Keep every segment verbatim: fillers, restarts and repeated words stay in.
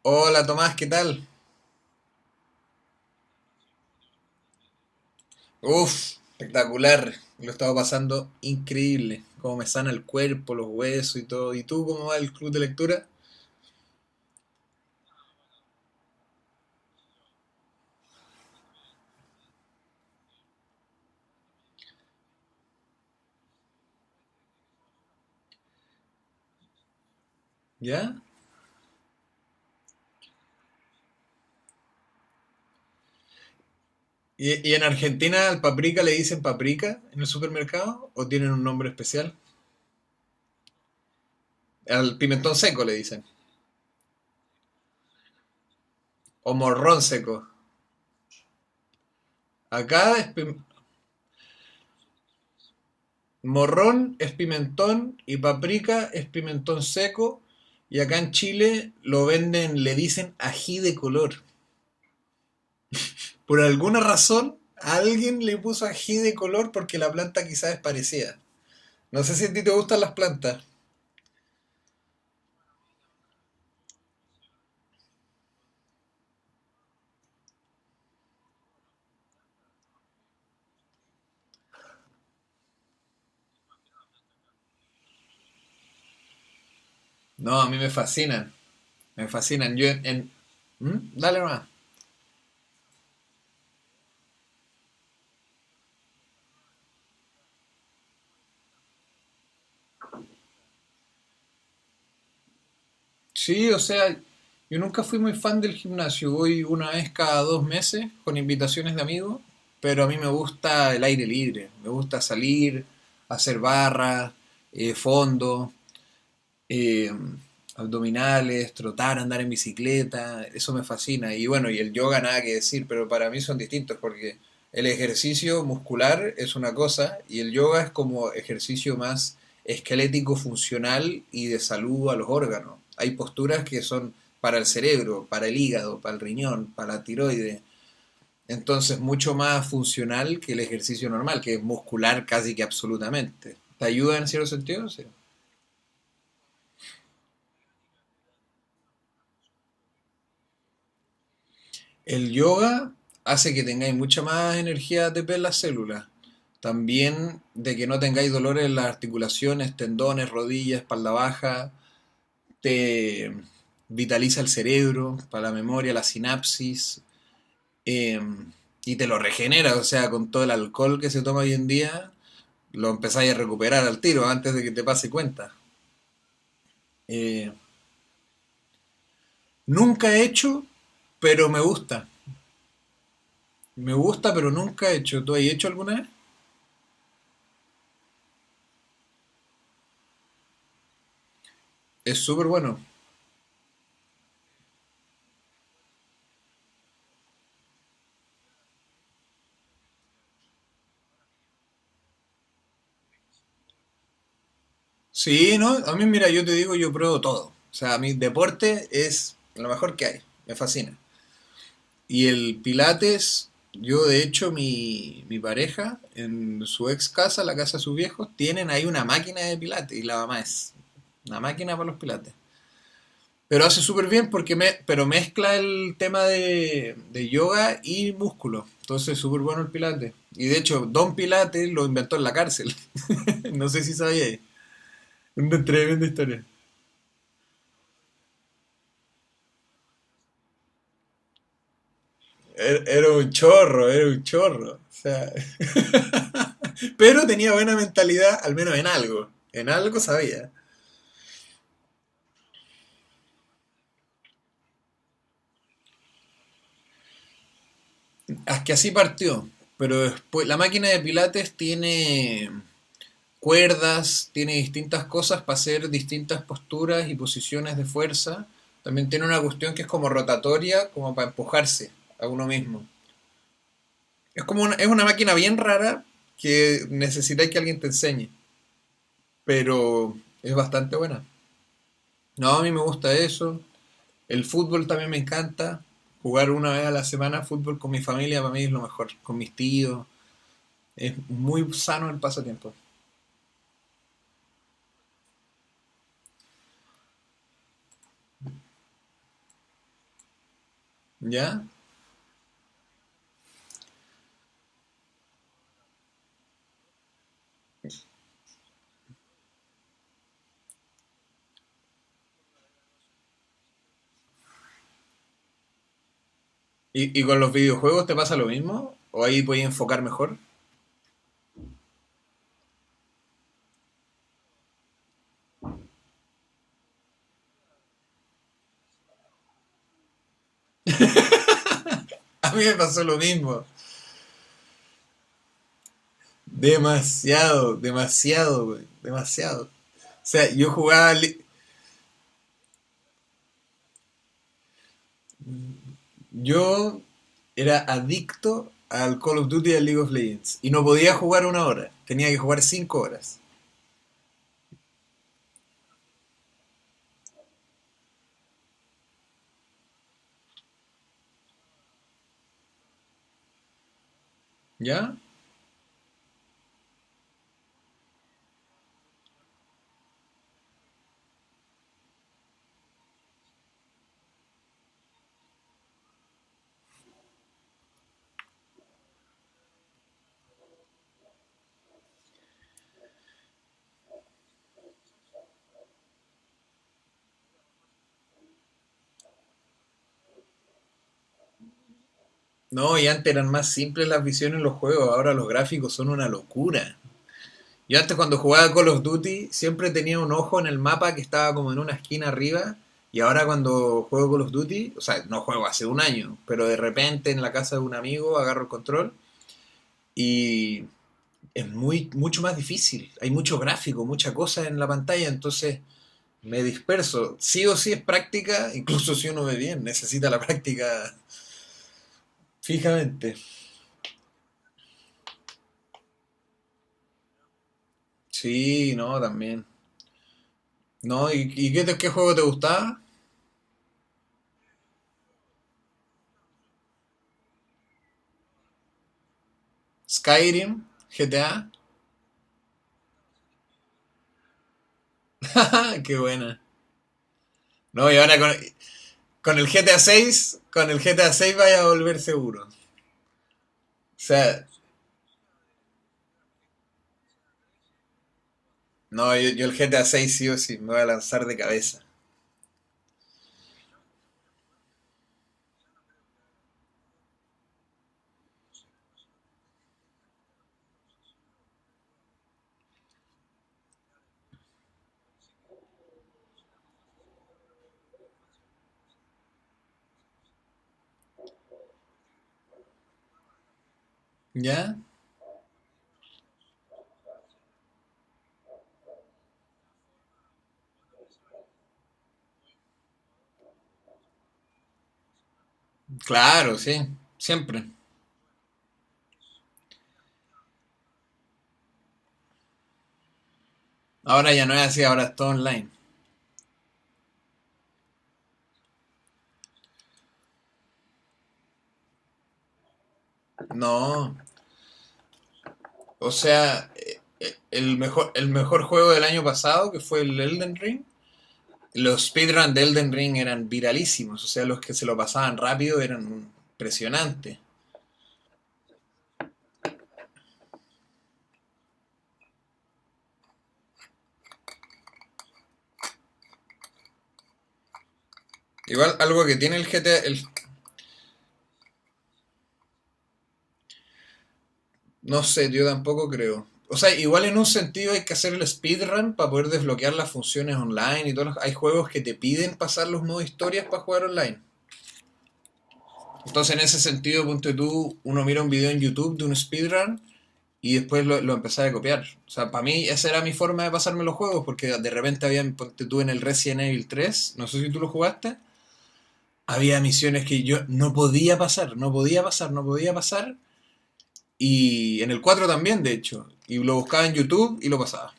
Hola Tomás, ¿qué tal? Uf, espectacular. Lo he estado pasando increíble. Cómo me sana el cuerpo, los huesos y todo. ¿Y tú cómo va el club de lectura? ¿Ya? ¿Y, y en Argentina al paprika le dicen paprika en el supermercado? ¿O tienen un nombre especial? Al pimentón seco le dicen. O morrón seco. Acá es pim- morrón es pimentón y paprika es pimentón seco. Y acá en Chile lo venden, le dicen ají de color. Por alguna razón, alguien le puso ají de color porque la planta quizás es parecida. No sé si a ti te gustan las plantas. No, a mí me fascinan. Me fascinan. Yo en... en- ¿Mm? Dale más. Sí, o sea, yo nunca fui muy fan del gimnasio. Voy una vez cada dos meses con invitaciones de amigos. Pero a mí me gusta el aire libre. Me gusta salir, hacer barras, eh, fondo. eh, Abdominales, trotar, andar en bicicleta, eso me fascina. Y bueno, y el yoga nada que decir, pero para mí son distintos porque el ejercicio muscular es una cosa y el yoga es como ejercicio más esquelético, funcional y de salud a los órganos. Hay posturas que son para el cerebro, para el hígado, para el riñón, para la tiroides. Entonces, mucho más funcional que el ejercicio normal, que es muscular casi que absolutamente. ¿Te ayuda en cierto sentido? Sí. El yoga hace que tengáis mucha más energía A T P en las células. También de que no tengáis dolores en las articulaciones, tendones, rodillas, espalda baja. Te vitaliza el cerebro, para la memoria, la sinapsis. eh, y te lo regenera, o sea, con todo el alcohol que se toma hoy en día, lo empezáis a recuperar al tiro antes de que te pase cuenta. Eh, Nunca he hecho, pero me gusta. Me gusta, pero nunca he hecho. ¿Tú has hecho alguna vez? Es súper bueno. Sí, ¿no? A mí, mira, yo te digo, yo pruebo todo. O sea, mi deporte es lo mejor que hay. Me fascina. Y el Pilates, yo de hecho, mi, mi pareja, en su ex casa, la casa de sus viejos, tienen ahí una máquina de Pilates. Y la mamá es una máquina para los Pilates. Pero hace súper bien porque me, pero mezcla el tema de, de yoga y músculo. Entonces, súper bueno el Pilates. Y de hecho, Don Pilates lo inventó en la cárcel. No sé si sabía. Una tremenda historia. Era, era un chorro, era un chorro. O sea, pero tenía buena mentalidad, al menos en algo. En algo sabía. Es que así partió. Pero después, la máquina de Pilates tiene cuerdas, tiene distintas cosas para hacer distintas posturas y posiciones de fuerza. También tiene una cuestión que es como rotatoria, como para empujarse a uno mismo. Es como una, es una máquina bien rara que necesita que alguien te enseñe, pero es bastante buena. No, a mí me gusta eso. El fútbol también me encanta. Jugar una vez a la semana fútbol con mi familia para mí es lo mejor. Con mis tíos. Es muy sano el pasatiempo. ¿Ya? ¿Y, y con los videojuegos te pasa lo mismo? ¿O ahí puedes enfocar mejor? A mí me pasó lo mismo. Demasiado, demasiado, güey. Demasiado. O sea, yo jugaba. li- Yo era adicto al Call of Duty y al League of Legends. Y no podía jugar una hora. Tenía que jugar cinco horas. ¿Ya? No, y antes eran más simples las visiones en los juegos, ahora los gráficos son una locura. Yo antes cuando jugaba Call of Duty siempre tenía un ojo en el mapa que estaba como en una esquina arriba y ahora cuando juego Call of Duty, o sea, no juego hace un año, pero de repente en la casa de un amigo agarro el control y es muy, mucho más difícil. Hay mucho gráfico, mucha cosa en la pantalla, entonces me disperso. Sí o sí es práctica, incluso si uno ve bien, necesita la práctica fijamente. Sí, no, también. No, ¿y, y qué, te- qué juego te gustaba? Skyrim, G T A. Qué buena. No, y ahora con, con, el G T A seis, con el G T A seis vaya a volver seguro. O sea, no, yo, yo el G T A seis sí o sí, me voy a lanzar de cabeza. ¿Ya? Claro, sí, siempre. Ahora ya no es así, ahora es todo online. No, o sea, eh, eh, el mejor, el mejor juego del año pasado, que fue el Elden Ring, los speedruns de Elden Ring eran viralísimos, o sea, los que se lo pasaban rápido eran impresionantes. Igual algo que tiene el G T A, el, no sé, yo tampoco creo. O sea, igual en un sentido hay que hacer el speedrun para poder desbloquear las funciones online y todos los, hay juegos que te piden pasar los modos historias para jugar online. Entonces, en ese sentido, ponte tú, uno mira un video en YouTube de un speedrun y después lo, lo empezaba a copiar. O sea, para mí esa era mi forma de pasarme los juegos, porque de repente había, ponte tú en el Resident Evil tres, no sé si tú lo jugaste, había misiones que yo no podía pasar, no podía pasar, no podía pasar. Y en el cuatro también, de hecho. Y lo buscaba en YouTube y lo pasaba.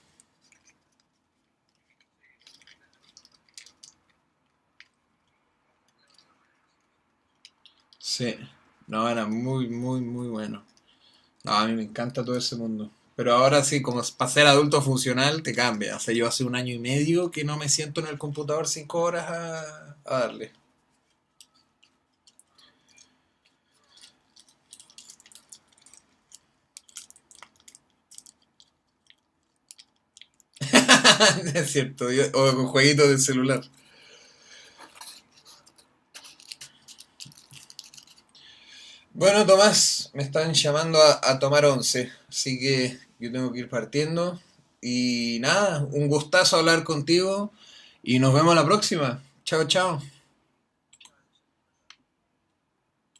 Sí. No, era muy, muy, muy bueno. No, a mí me encanta todo ese mundo. Pero ahora sí, como es- para ser adulto funcional, te cambia. O sea, yo hace un año y medio que no me siento en el computador cinco horas a, a darle. Es cierto, yo- o con jueguitos del celular. Bueno, Tomás, me están llamando a, a tomar once, así que yo tengo que ir partiendo. Y nada, un gustazo hablar contigo y nos vemos la próxima. Chao, chao.